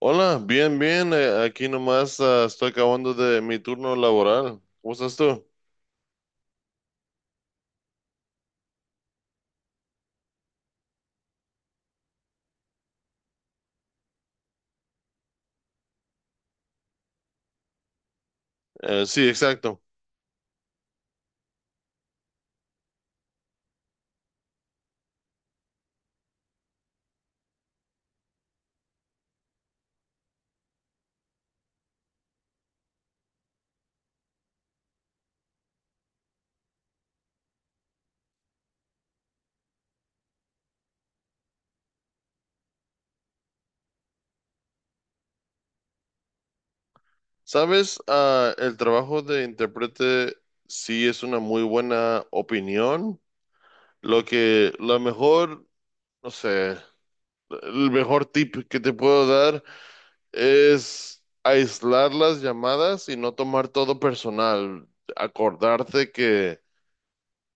Hola, bien, bien. Aquí nomás estoy acabando de mi turno laboral. ¿Cómo estás tú? Sí, exacto. Sabes, el trabajo de intérprete sí es una muy buena opinión. Lo que, la mejor, No sé, el mejor tip que te puedo dar es aislar las llamadas y no tomar todo personal. Acordarte que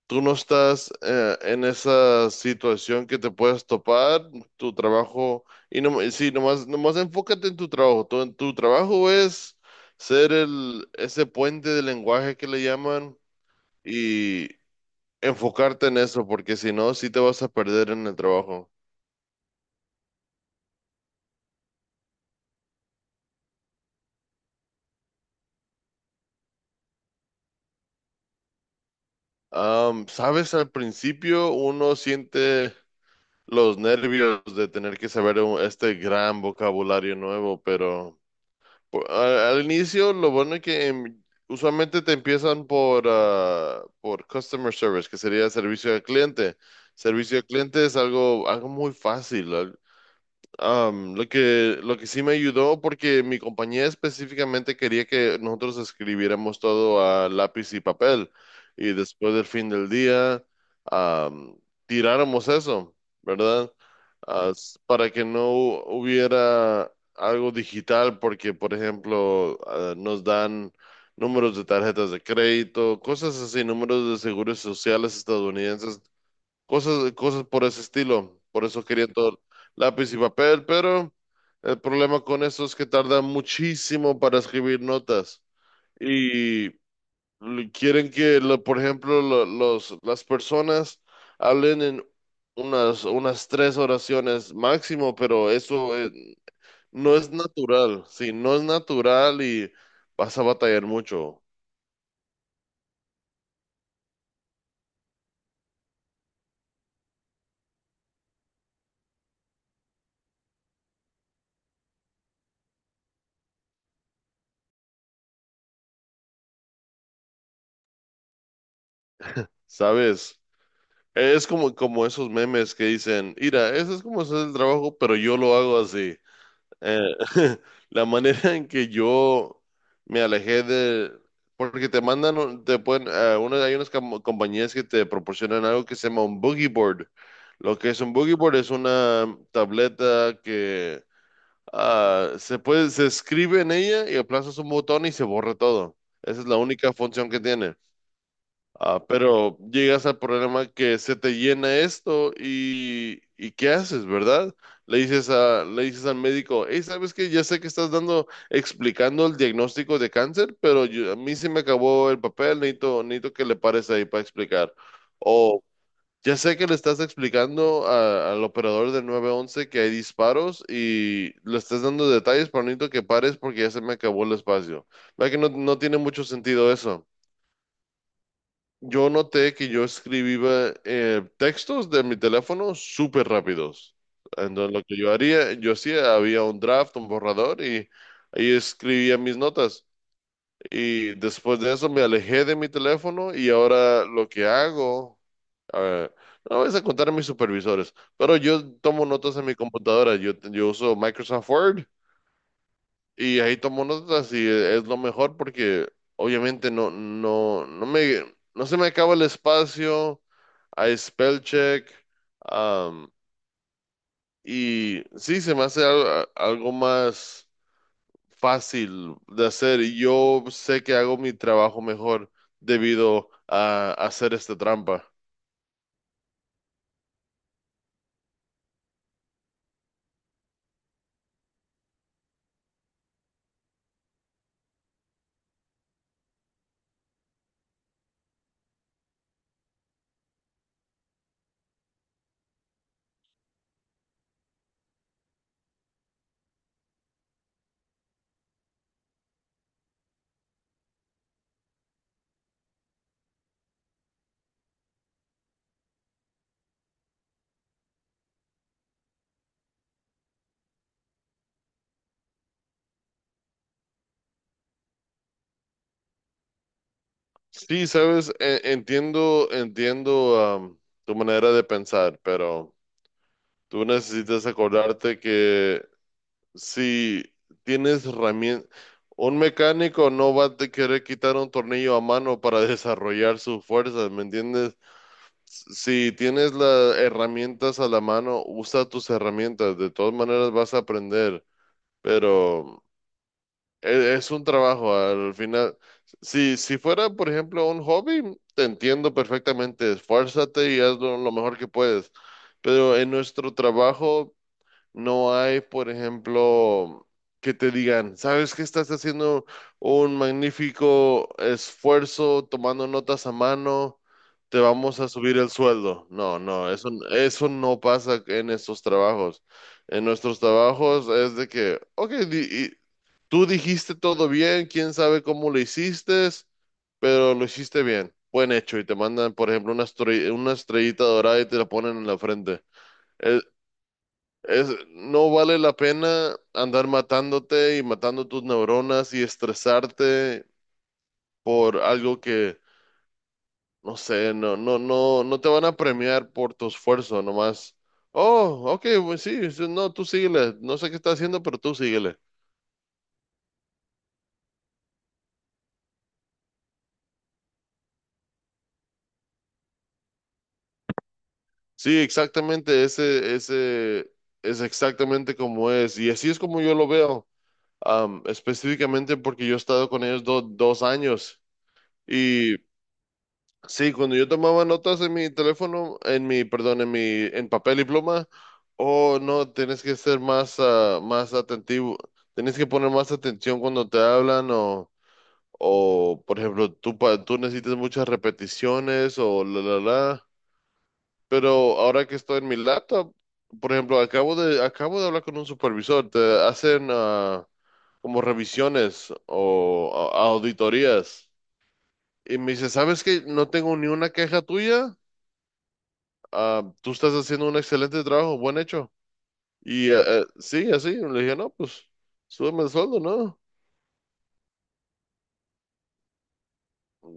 tú no estás en esa situación que te puedes topar, tu trabajo, y no, sí, nomás enfócate en tu trabajo. Tu trabajo es ser ese puente de lenguaje que le llaman y enfocarte en eso, porque si no, sí te vas a perder en el trabajo. Sabes, al principio uno siente los nervios de tener que saber este gran vocabulario nuevo, pero. Al inicio, lo bueno es que usualmente te empiezan por customer service, que sería servicio al cliente. Servicio al cliente es algo muy fácil. Lo que sí me ayudó, porque mi compañía específicamente quería que nosotros escribiéramos todo a lápiz y papel, y después del fin del día, am, tiráramos eso, ¿verdad? Para que no hubiera algo digital, porque, por ejemplo, nos dan números de tarjetas de crédito, cosas así, números de seguros sociales estadounidenses. Cosas por ese estilo. Por eso querían todo lápiz y papel, pero el problema con eso es que tardan muchísimo para escribir notas. Y quieren que, por ejemplo, las personas hablen en unas tres oraciones máximo, pero eso no es natural. Sí, no es natural y vas a batallar mucho, ¿sabes? Es como esos memes que dicen, mira, eso es como hacer el trabajo, pero yo lo hago así. Eh, la manera en que yo me alejé de. Porque te mandan, te pueden, hay unas compañías que te proporcionan algo que se llama un boogie board. Lo que es un boogie board es una tableta que se escribe en ella y aplazas un botón y se borra todo. Esa es la única función que tiene. Pero llegas al problema que se te llena esto y ¿qué haces, verdad? Le le dices al médico, hey, ¿sabes qué? Ya sé que estás explicando el diagnóstico de cáncer, pero a mí se me acabó el papel, necesito que le pares ahí para explicar. O ya sé que le estás explicando al operador del 911 que hay disparos y le estás dando detalles, pero necesito que pares porque ya se me acabó el espacio. ¿La que no tiene mucho sentido eso? Yo noté que yo escribía textos de mi teléfono súper rápidos. Entonces, lo que yo haría, yo hacía, había un draft, un borrador y ahí escribía mis notas. Y después de eso me alejé de mi teléfono y ahora lo que hago, a ver, no voy a contar a mis supervisores, pero yo tomo notas en mi computadora. Yo uso Microsoft Word y ahí tomo notas y es lo mejor porque obviamente no se me acaba el espacio, hay spell check, am, y sí, se me hace algo más fácil de hacer. Y yo sé que hago mi trabajo mejor debido a hacer esta trampa. Sí, sabes, entiendo, tu manera de pensar, pero tú necesitas acordarte que si tienes herramientas, un mecánico no va a te querer quitar un tornillo a mano para desarrollar sus fuerzas, ¿me entiendes? Si tienes las herramientas a la mano, usa tus herramientas. De todas maneras vas a aprender, pero es un trabajo. Al final, si fuera, por ejemplo, un hobby, te entiendo perfectamente. Esfuérzate y hazlo lo mejor que puedes. Pero en nuestro trabajo no hay, por ejemplo, que te digan, sabes que estás haciendo un magnífico esfuerzo tomando notas a mano, te vamos a subir el sueldo. No, no, eso no pasa en estos trabajos. En nuestros trabajos es de que, ok, y tú dijiste todo bien, quién sabe cómo lo hiciste, pero lo hiciste bien, buen hecho, y te mandan, por ejemplo, una estrellita dorada y te la ponen en la frente. No vale la pena andar matándote y matando tus neuronas y estresarte por algo que, no sé, no te van a premiar por tu esfuerzo nomás. Oh, ok, pues sí, sí, no, tú síguele. No sé qué está haciendo, pero tú síguele. Sí, exactamente, ese es exactamente como es. Y así es como yo lo veo, específicamente porque yo he estado con ellos 2 años. Y sí, cuando yo tomaba notas en mi teléfono, en perdón, en en papel y pluma, oh no, tienes que ser más atentivo, tienes que poner más atención cuando te hablan o por ejemplo, tú necesitas muchas repeticiones o la, la, la. Pero ahora que estoy en mi laptop, por ejemplo, acabo de hablar con un supervisor, te hacen como revisiones o auditorías y me dice, ¿sabes que no tengo ni una queja tuya? Tú estás haciendo un excelente trabajo, buen hecho. Y sí, así, le dije, no, pues súbeme el sueldo, ¿no?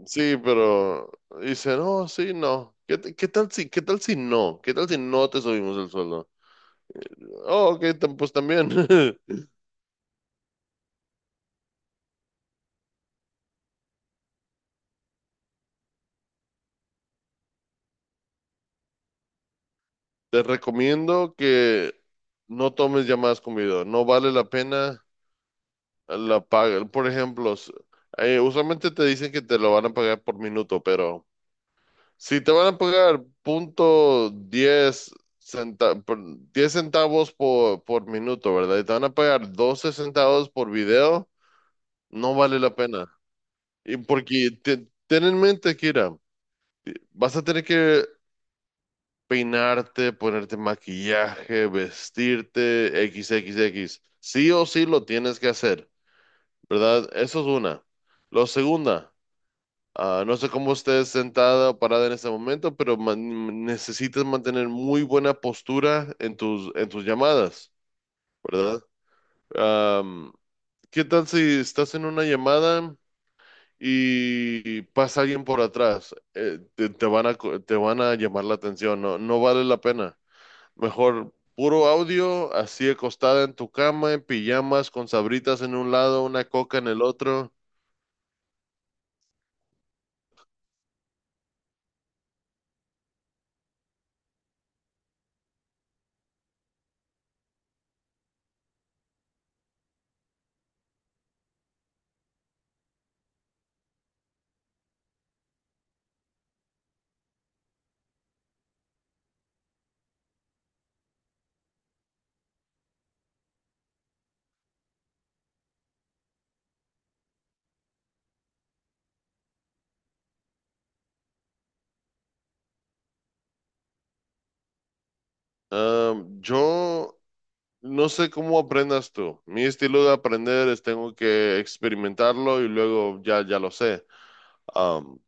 Sí, pero dice, no, sí, no. ¿Qué, qué tal si no? ¿Qué tal si no te subimos el sueldo? Oh, ok, pues también. Te recomiendo que no tomes llamadas con video. No vale la pena la paga. Por ejemplo, usualmente te dicen que te lo van a pagar por minuto, pero. Si te van a pagar punto 10 centa- por- 10 centavos por minuto, ¿verdad? Y te van a pagar 12 centavos por video, no vale la pena. Y porque ten en mente, Kira, vas a tener que peinarte, ponerte maquillaje, vestirte, XXX. Sí o sí lo tienes que hacer, ¿verdad? Eso es una. Lo segunda. No sé cómo estés sentada o parada en este momento, pero necesitas mantener muy buena postura en tus llamadas, ¿verdad? Am, ¿Qué tal si estás en una llamada y pasa alguien por atrás? Te van a llamar la atención, no, no vale la pena. Mejor puro audio, así acostada en tu cama, en pijamas, con sabritas en un lado, una coca en el otro. Yo no sé cómo aprendas tú. Mi estilo de aprender es tengo que experimentarlo y luego ya, ya lo sé. Am,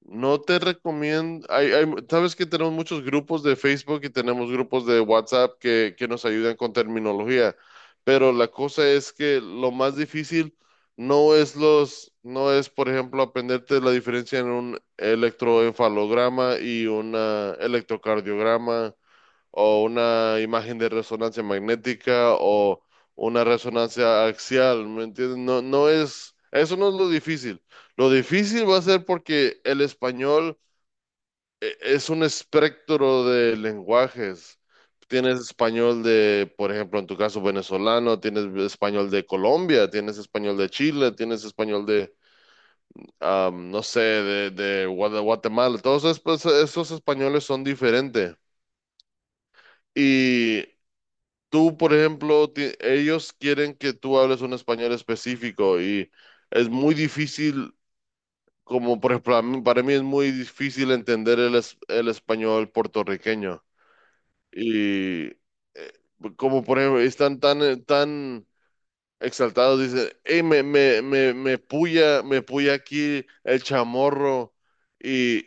no te recomiendo, sabes que tenemos muchos grupos de Facebook y tenemos grupos de WhatsApp que nos ayudan con terminología, pero la cosa es que lo más difícil no es, por ejemplo, aprenderte la diferencia en un electroencefalograma y un electrocardiograma o una imagen de resonancia magnética o una resonancia axial, ¿me entiendes? No, eso no es lo difícil. Lo difícil va a ser porque el español es un espectro de lenguajes. Tienes español de, por ejemplo, en tu caso venezolano, tienes español de Colombia, tienes español de Chile, tienes español de, no sé, de Guatemala. Todos pues, esos españoles son diferentes. Y tú, por ejemplo, ellos quieren que tú hables un español específico y es muy difícil, como por ejemplo, para mí es muy difícil entender el español puertorriqueño. Y eh, como por ejemplo, están tan exaltados dicen, hey, me puya aquí el chamorro. Y,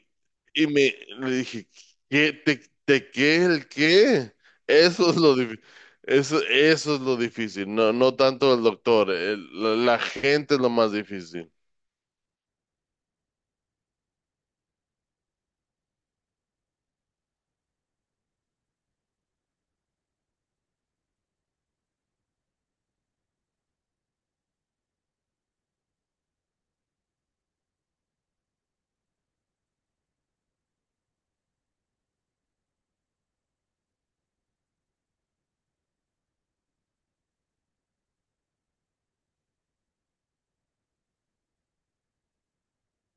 y me le dije, ¿qué, el qué? Eso es lo difícil. Eso es lo difícil, no tanto el doctor, la gente es lo más difícil.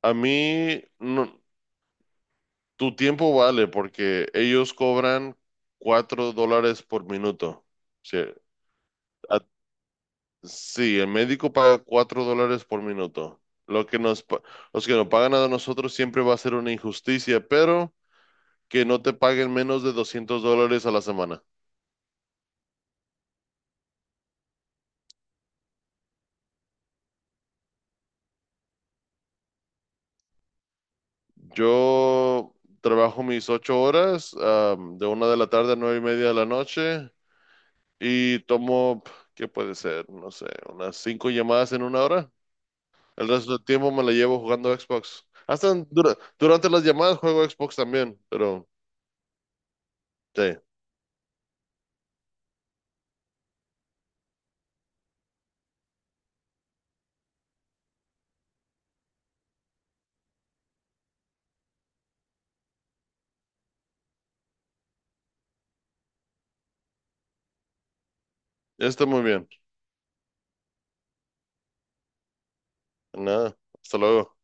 A mí, no, tu tiempo vale porque ellos cobran $4 por minuto. Sí, a, sí, el médico paga $4 por minuto. Lo que nos, pa- Los que nos pagan a nosotros siempre va a ser una injusticia, pero que no te paguen menos de $200 a la semana. Yo trabajo mis 8 horas, de 1 de la tarde a 9:30 de la noche, y tomo, ¿qué puede ser? No sé, unas 5 llamadas en una hora. El resto del tiempo me la llevo jugando Xbox. Hasta durante las llamadas juego Xbox también, pero sí, está muy bien. Nada, hasta luego.